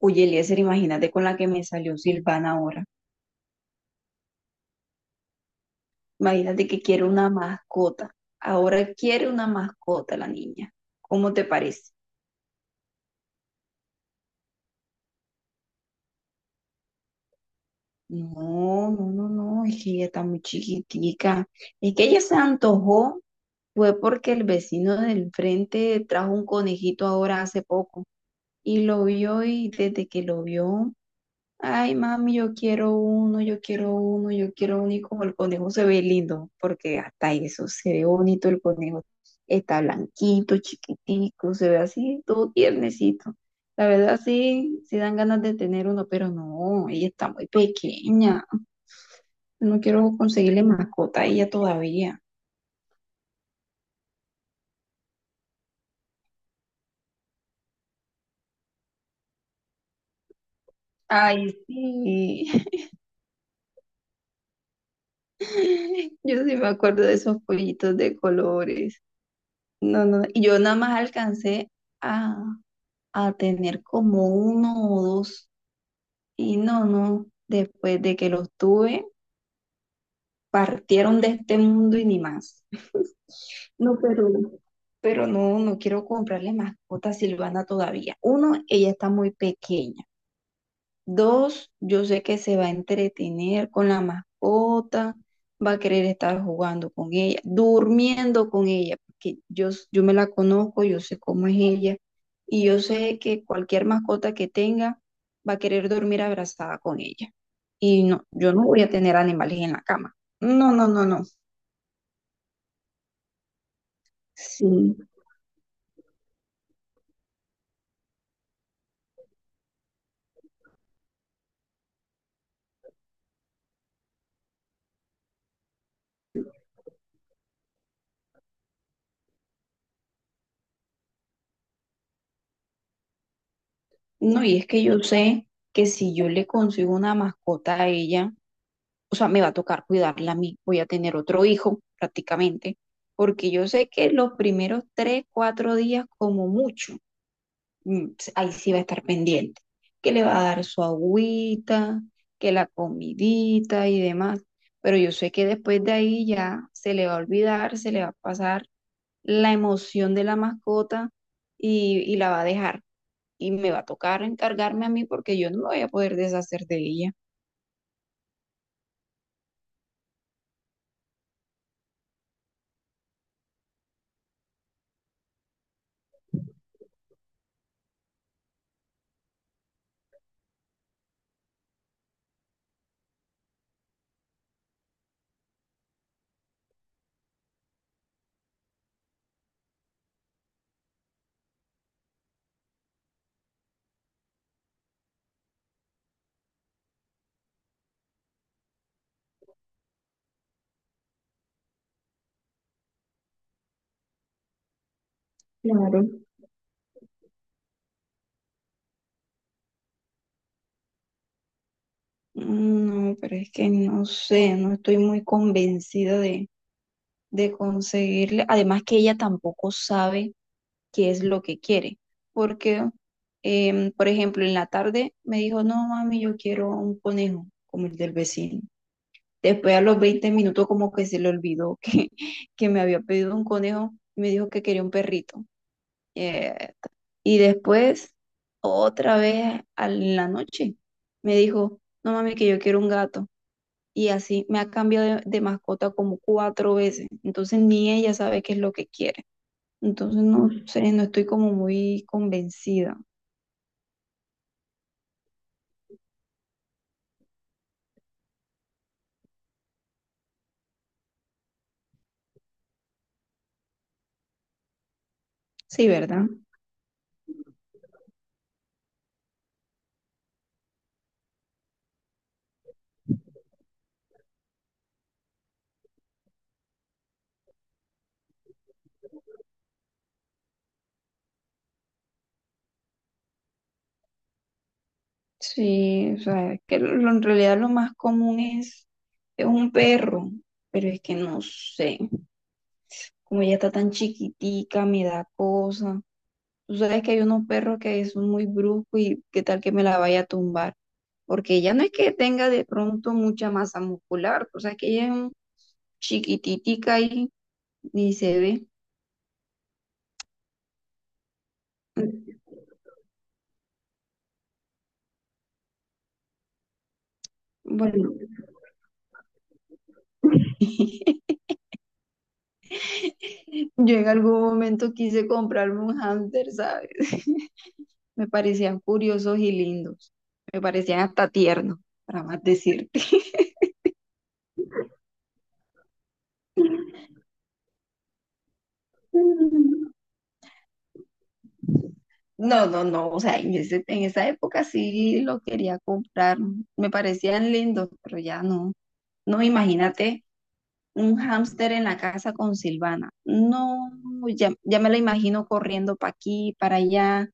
Oye, Eliezer, imagínate con la que me salió Silvana ahora. Imagínate que quiere una mascota. Ahora quiere una mascota la niña. ¿Cómo te parece? No, no, no, no, es que ella está muy chiquitica. Es que ella se antojó, fue porque el vecino del frente trajo un conejito ahora hace poco y lo vio, y desde que lo vio: ay, mami, yo quiero uno, yo quiero uno, yo quiero uno. Y como el conejo se ve lindo, porque hasta eso se ve bonito el conejo. Está blanquito, chiquitico, se ve así, todo tiernecito. La verdad, sí, sí dan ganas de tener uno, pero no, ella está muy pequeña. No quiero conseguirle mascota a ella todavía. Ay, sí. Yo sí me acuerdo de esos pollitos de colores. No, no, y yo nada más alcancé a tener como uno o dos. Y no, no, después de que los tuve, partieron de este mundo y ni más. No, pero no, no quiero comprarle mascota a Silvana todavía. Uno, ella está muy pequeña. Dos, yo sé que se va a entretener con la mascota, va a querer estar jugando con ella, durmiendo con ella, porque yo me la conozco, yo sé cómo es ella, y yo sé que cualquier mascota que tenga va a querer dormir abrazada con ella. Y no, yo no voy a tener animales en la cama. No, no, no, no. Sí. No, y es que yo sé que si yo le consigo una mascota a ella, o sea, me va a tocar cuidarla a mí, voy a tener otro hijo prácticamente, porque yo sé que los primeros 3, 4 días como mucho, mm, ahí sí va a estar pendiente, que le va a dar su agüita, que la comidita y demás, pero yo sé que después de ahí ya se le va a olvidar, se le va a pasar la emoción de la mascota, y la va a dejar. Y me va a tocar encargarme a mí porque yo no me voy a poder deshacer de ella. Claro. No, pero es que no sé, no estoy muy convencida de conseguirle. Además que ella tampoco sabe qué es lo que quiere, porque, por ejemplo, en la tarde me dijo: no, mami, yo quiero un conejo como el del vecino. Después, a los 20 minutos, como que se le olvidó que, que me había pedido un conejo y me dijo que quería un perrito. Eh, y después, otra vez la noche, me dijo: no, mami, que yo quiero un gato. Y así me ha cambiado de mascota como cuatro veces. Entonces ni ella sabe qué es lo que quiere. Entonces no sé, no estoy como muy convencida. Sí, ¿verdad? Sí, o sea, es que en realidad lo más común es un perro, pero es que no sé, como ella está tan chiquitica, me da cosa. Tú sabes que hay unos perros que son muy bruscos, y qué tal que me la vaya a tumbar, porque ella no es que tenga de pronto mucha masa muscular, o sea, que ella es chiquititica y ni se ve. Bueno, yo en algún momento quise comprarme un hámster, ¿sabes? Me parecían curiosos y lindos. Me parecían hasta tiernos, para más decirte. No, no, no, o sea, en en esa época sí lo quería comprar. Me parecían lindos, pero ya no. No, imagínate un hámster en la casa con Silvana. No, ya, ya me la imagino corriendo para aquí, para allá,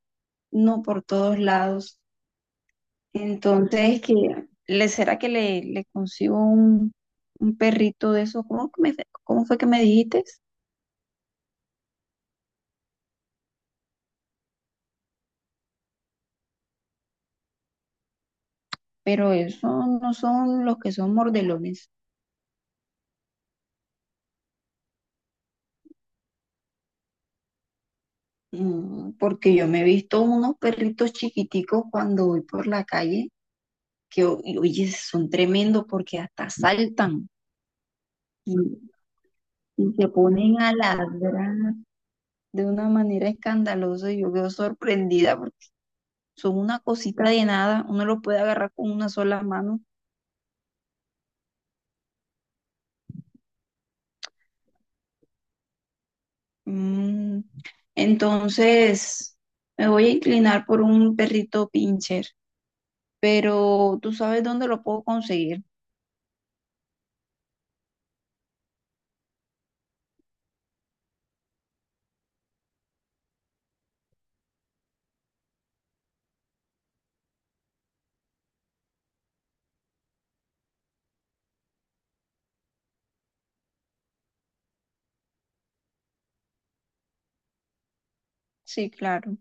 no, por todos lados. Entonces, que le será, que le consigo un perrito de esos? ¿Cómo, cómo fue que me dijiste? Pero esos no son los que son mordelones. Porque yo me he visto unos perritos chiquiticos cuando voy por la calle, y oye, son tremendos porque hasta saltan y, y se ponen a ladrar de una manera escandalosa, y yo quedo sorprendida porque son una cosita de nada, uno lo puede agarrar con una sola mano. Mm, Entonces, me voy a inclinar por un perrito pincher, pero tú sabes dónde lo puedo conseguir. Sí, claro.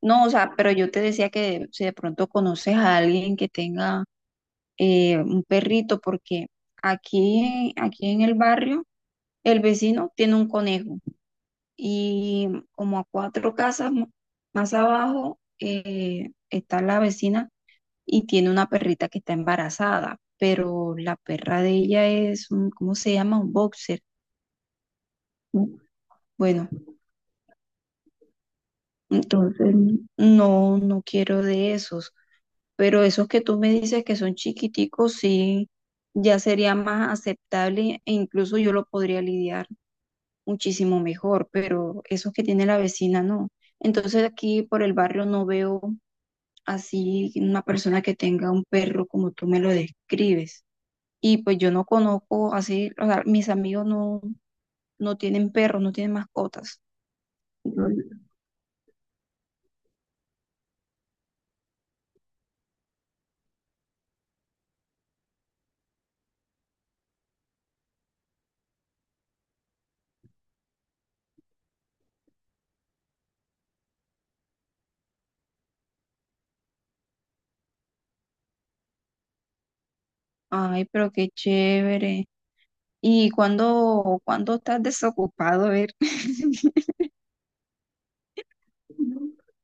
No, o sea, pero yo te decía que si de pronto conoces a alguien que tenga, un perrito, porque aquí en el barrio, el vecino tiene un conejo, y como a cuatro casas más abajo, está la vecina y tiene una perrita que está embarazada, pero la perra de ella es un, ¿cómo se llama?, un boxer. Bueno, entonces no, no quiero de esos, pero esos que tú me dices que son chiquiticos, sí, ya sería más aceptable e incluso yo lo podría lidiar muchísimo mejor, pero esos que tiene la vecina no. Entonces aquí por el barrio no veo así una persona que tenga un perro como tú me lo describes. Y pues yo no conozco así, o sea, mis amigos no, no tienen perros, no tienen mascotas. Yo, Ay, pero qué chévere. ¿Y cuándo, cuándo estás desocupado? A ver.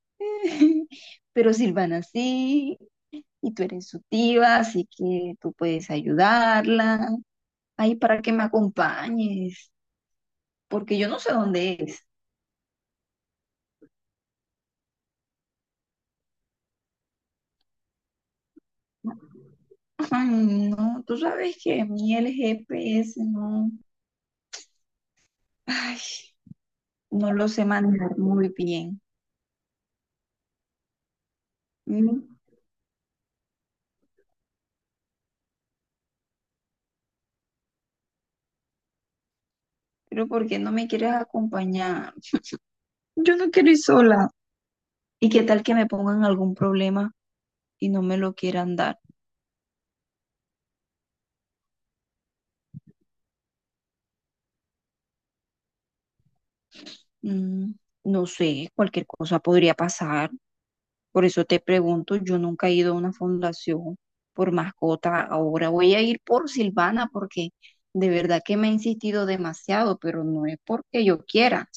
Pero Silvana sí, y tú eres su tía, así que tú puedes ayudarla. Ay, para que me acompañes, porque yo no sé dónde es. Ay, no, tú sabes que a mí el GPS no. Ay. No lo sé manejar muy bien. Mm, Pero ¿por qué no me quieres acompañar? Yo no quiero ir sola. ¿Y qué tal que me pongan algún problema y no me lo quieran dar? Mm, no sé, cualquier cosa podría pasar. Por eso te pregunto, yo nunca he ido a una fundación por mascota. Ahora voy a ir por Silvana porque de verdad que me ha insistido demasiado, pero no es porque yo quiera.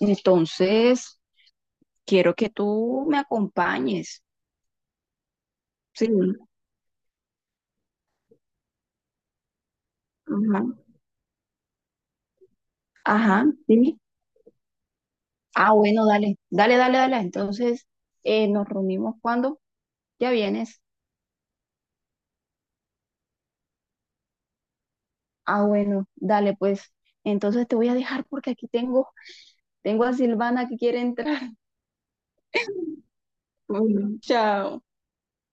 Entonces, quiero que tú me acompañes. Sí. Ajá. Ajá, sí. Ah, bueno, dale, dale, dale, dale. Entonces, nos reunimos cuando ya vienes. Ah, bueno, dale, pues. Entonces te voy a dejar porque aquí tengo a Silvana que quiere entrar. Bueno, chao.